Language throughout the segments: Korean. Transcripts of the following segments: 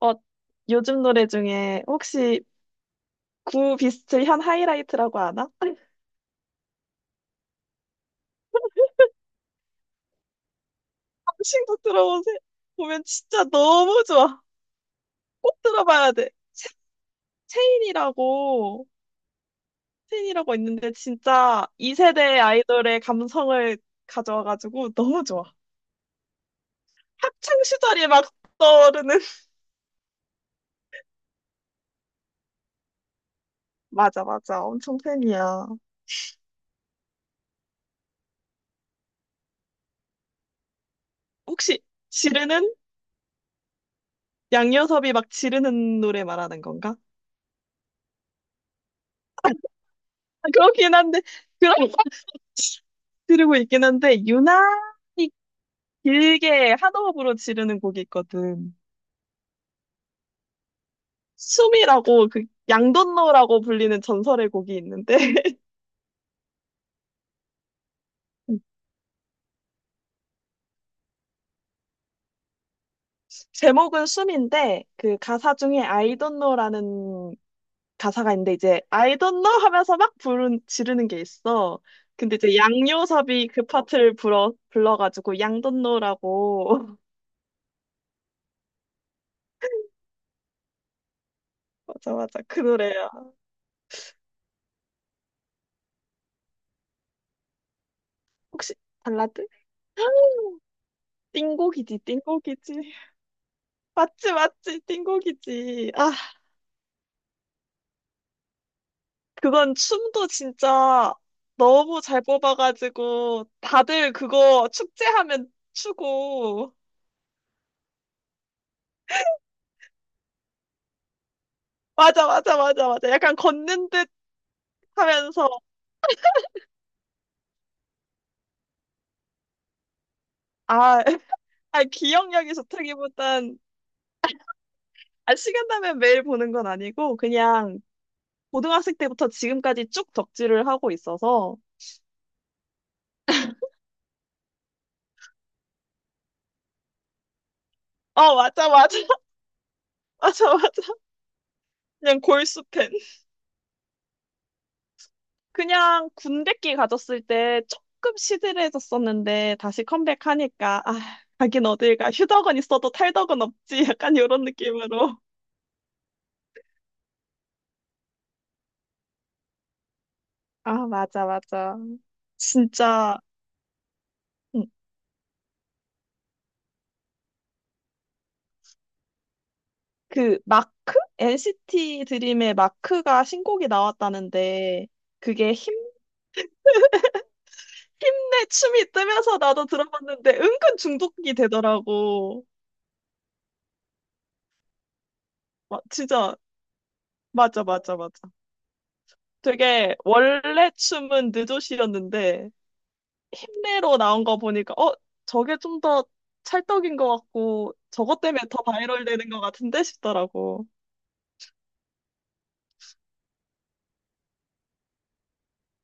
어, 요즘 노래 중에 혹시 구비스트 현 하이라이트라고 아나? 아니, 한식도 들어보세요. 보면 진짜 너무 좋아. 꼭 들어봐야 돼. 체인이라고, 체인이라고 있는데 진짜 2세대 아이돌의 감성을 가져와가지고 너무 좋아. 학창 시절이 막 떠오르는. 맞아, 맞아. 엄청 팬이야. 혹시 지르는? 양요섭이 막 지르는 노래 말하는 건가? 아, 그렇긴 한데, 그런 거 들고 있긴 한데, 유난 길게 한 호흡으로 지르는 곡이 있거든. 숨이라고 그 양돈노라고 불리는 전설의 곡이 있는데, 제목은 숨인데 그 가사 중에 I don't know라는 가사가 있는데 이제 I don't know 하면서 막 부른 지르는 게 있어. 근데 이제 양요섭이 그 파트를 불러 불러가지고 양돈 노라고. 맞아, 맞아, 그 노래야. 혹시 발라드? 아, 띵곡이지, 띵곡이지, 맞지 맞지 띵곡이지. 아, 그건 춤도 진짜 너무 잘 뽑아가지고 다들 그거 축제하면 추고. 맞아, 맞아, 맞아, 맞아, 약간 걷는 듯 하면서. 아, 아, 기억력이 좋다기보단 아, 시간 나면 매일 보는 건 아니고 그냥 고등학생 때부터 지금까지 쭉 덕질을 하고 있어서. 어, 맞아, 맞아. 맞아, 맞아, 그냥 골수 팬. 그냥 군대끼 가졌을 때 조금 시들해졌었는데 다시 컴백하니까, 아, 가긴 어딜 가. 휴덕은 있어도 탈덕은 없지. 약간 이런 느낌으로. 아, 맞아, 맞아. 진짜. 음, 그 마크? NCT 드림의 마크가 신곡이 나왔다는데, 그게 힘내 춤이 뜨면서 나도 들어봤는데 은근 중독이 되더라고. 와, 진짜. 맞아, 맞아, 맞아. 되게 원래 춤은 느조시였는데 힘내로 나온 거 보니까 저게 좀 더 찰떡인 것 같고 저것 때문에 더 바이럴 되는 것 같은데 싶더라고.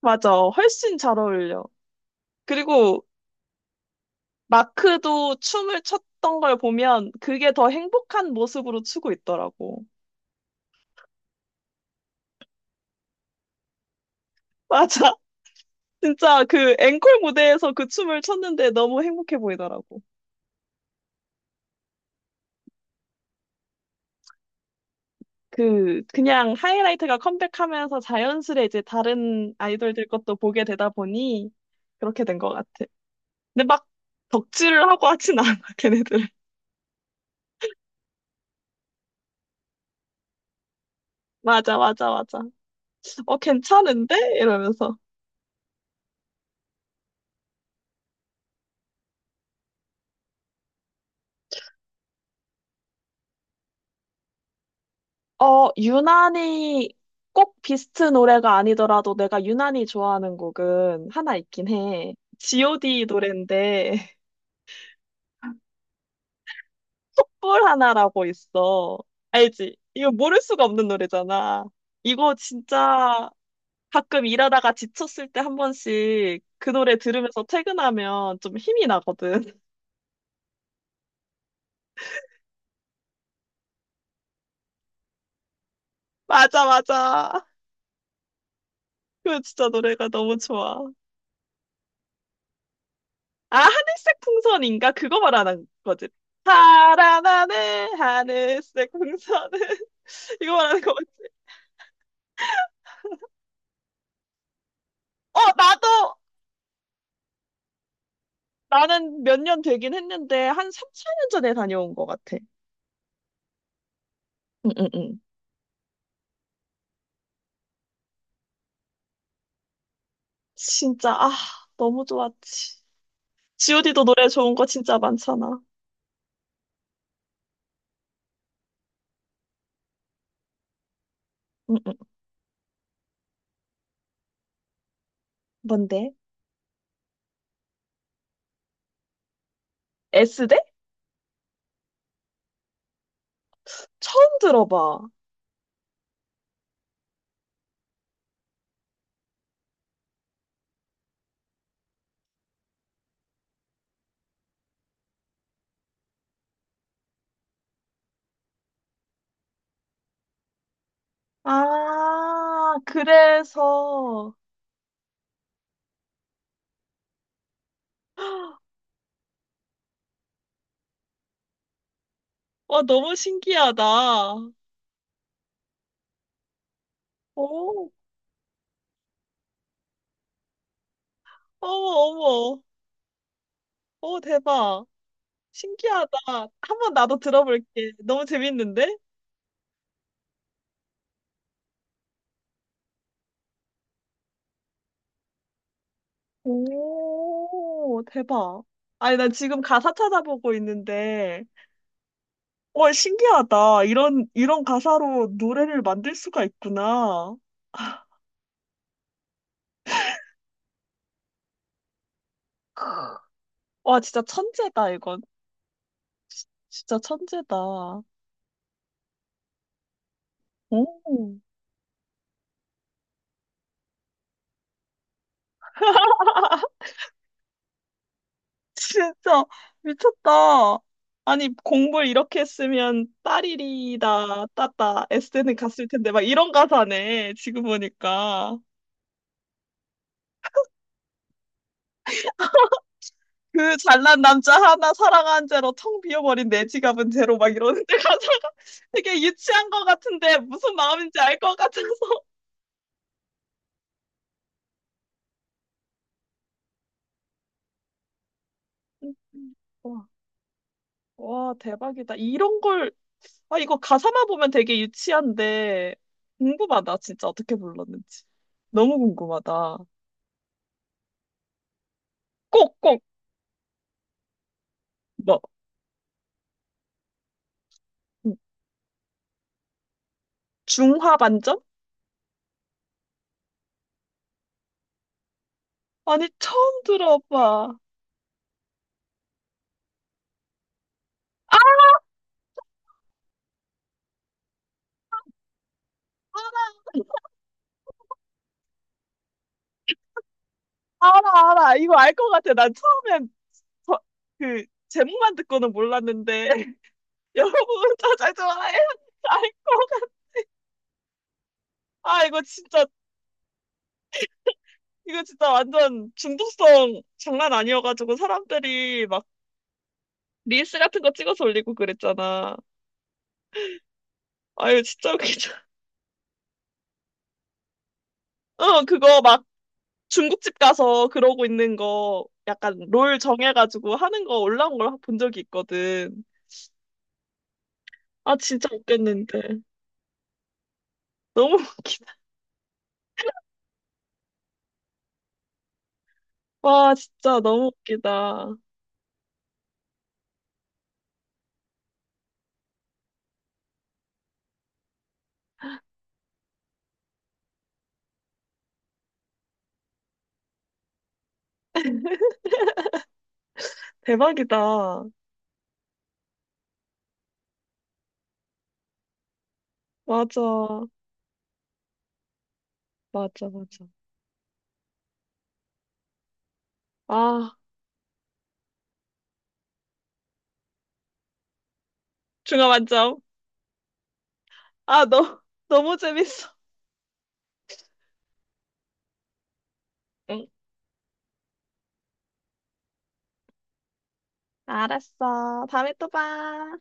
맞아. 훨씬 잘 어울려. 그리고 마크도 춤을 췄던 걸 보면 그게 더 행복한 모습으로 추고 있더라고. 맞아. 진짜 그 앵콜 무대에서 그 춤을 췄는데 너무 행복해 보이더라고. 그냥 하이라이트가 컴백하면서 자연스레 이제 다른 아이돌들 것도 보게 되다 보니 그렇게 된 것 같아. 근데 막 덕질을 하고 하진 않아, 걔네들. 맞아, 맞아, 맞아. 어, 괜찮은데? 이러면서. 어, 유난히 꼭 비스트 노래가 아니더라도 내가 유난히 좋아하는 곡은 하나 있긴 해. G.O.D 노래인데, 촛불 하나라고 있어. 알지? 이거 모를 수가 없는 노래잖아. 이거 진짜, 가끔 일하다가 지쳤을 때 한 번씩 그 노래 들으면서 퇴근하면 좀 힘이 나거든. 맞아, 맞아. 그 진짜 노래가 너무 좋아. 아, 하늘색 풍선인가? 그거 말하는 거지. 파란하늘, 하늘색 풍선은. 이거 말하는 거 맞지? 어, 나도, 나는 몇 년 되긴 했는데, 한 3, 4년 전에 다녀온 것 같아. 응, 응, 응. 진짜, 아, 너무 좋았지. GOD도 노래 좋은 거 진짜 많잖아. 응, 응. 뭔데? S대? 처음 들어봐. 아, 그래서. 와, 너무 신기하다. 오. 어머, 어머. 오, 대박. 신기하다. 한번 나도 들어볼게. 너무 재밌는데? 오, 대박. 아니, 나 지금 가사 찾아보고 있는데, 와, 신기하다. 이런, 이런 가사로 노래를 만들 수가 있구나. 와, 진짜 천재다, 이건. 진짜 천재다. 오. 진짜 미쳤다. 아니, 공부를 이렇게 했으면 딸이리다 따따 에스는 갔을 텐데 막 이런 가사네 지금 보니까. 그 잘난 남자 하나 사랑한 죄로 텅 비어버린 내 지갑은 죄로 막 이러는데, 가사가 되게 유치한 것 같은데 무슨 마음인지 알 것 같아서. 와, 와 대박이다 이런 걸. 아, 이거 가사만 보면 되게 유치한데 궁금하다 진짜 어떻게 불렀는지. 너무 궁금하다. 꼭꼭. 뭐, 중화 반점? 아니, 처음 들어봐. 알아, 알아. 이거 알 것 같아. 난 처음엔 저- 그 제목만 듣고는 몰랐는데. 여러분 저잘 좋아해요. 알것 같아. 아, 이거 진짜 완전 중독성 장난 아니어가지고 사람들이 막 릴스 같은 거 찍어서 올리고 그랬잖아. 아, 이거 진짜 웃기죠. 그거 막 중국집 가서 그러고 있는 거 약간 롤 정해가지고 하는 거 올라온 걸 본 적이 있거든. 아, 진짜 웃겼는데. 너무 웃기다. 와, 진짜 너무 웃기다. 대박이다. 맞아. 맞아, 맞아. 아, 중화 만점. 아, 너무 재밌어. 응, 알았어. 다음에 또 봐.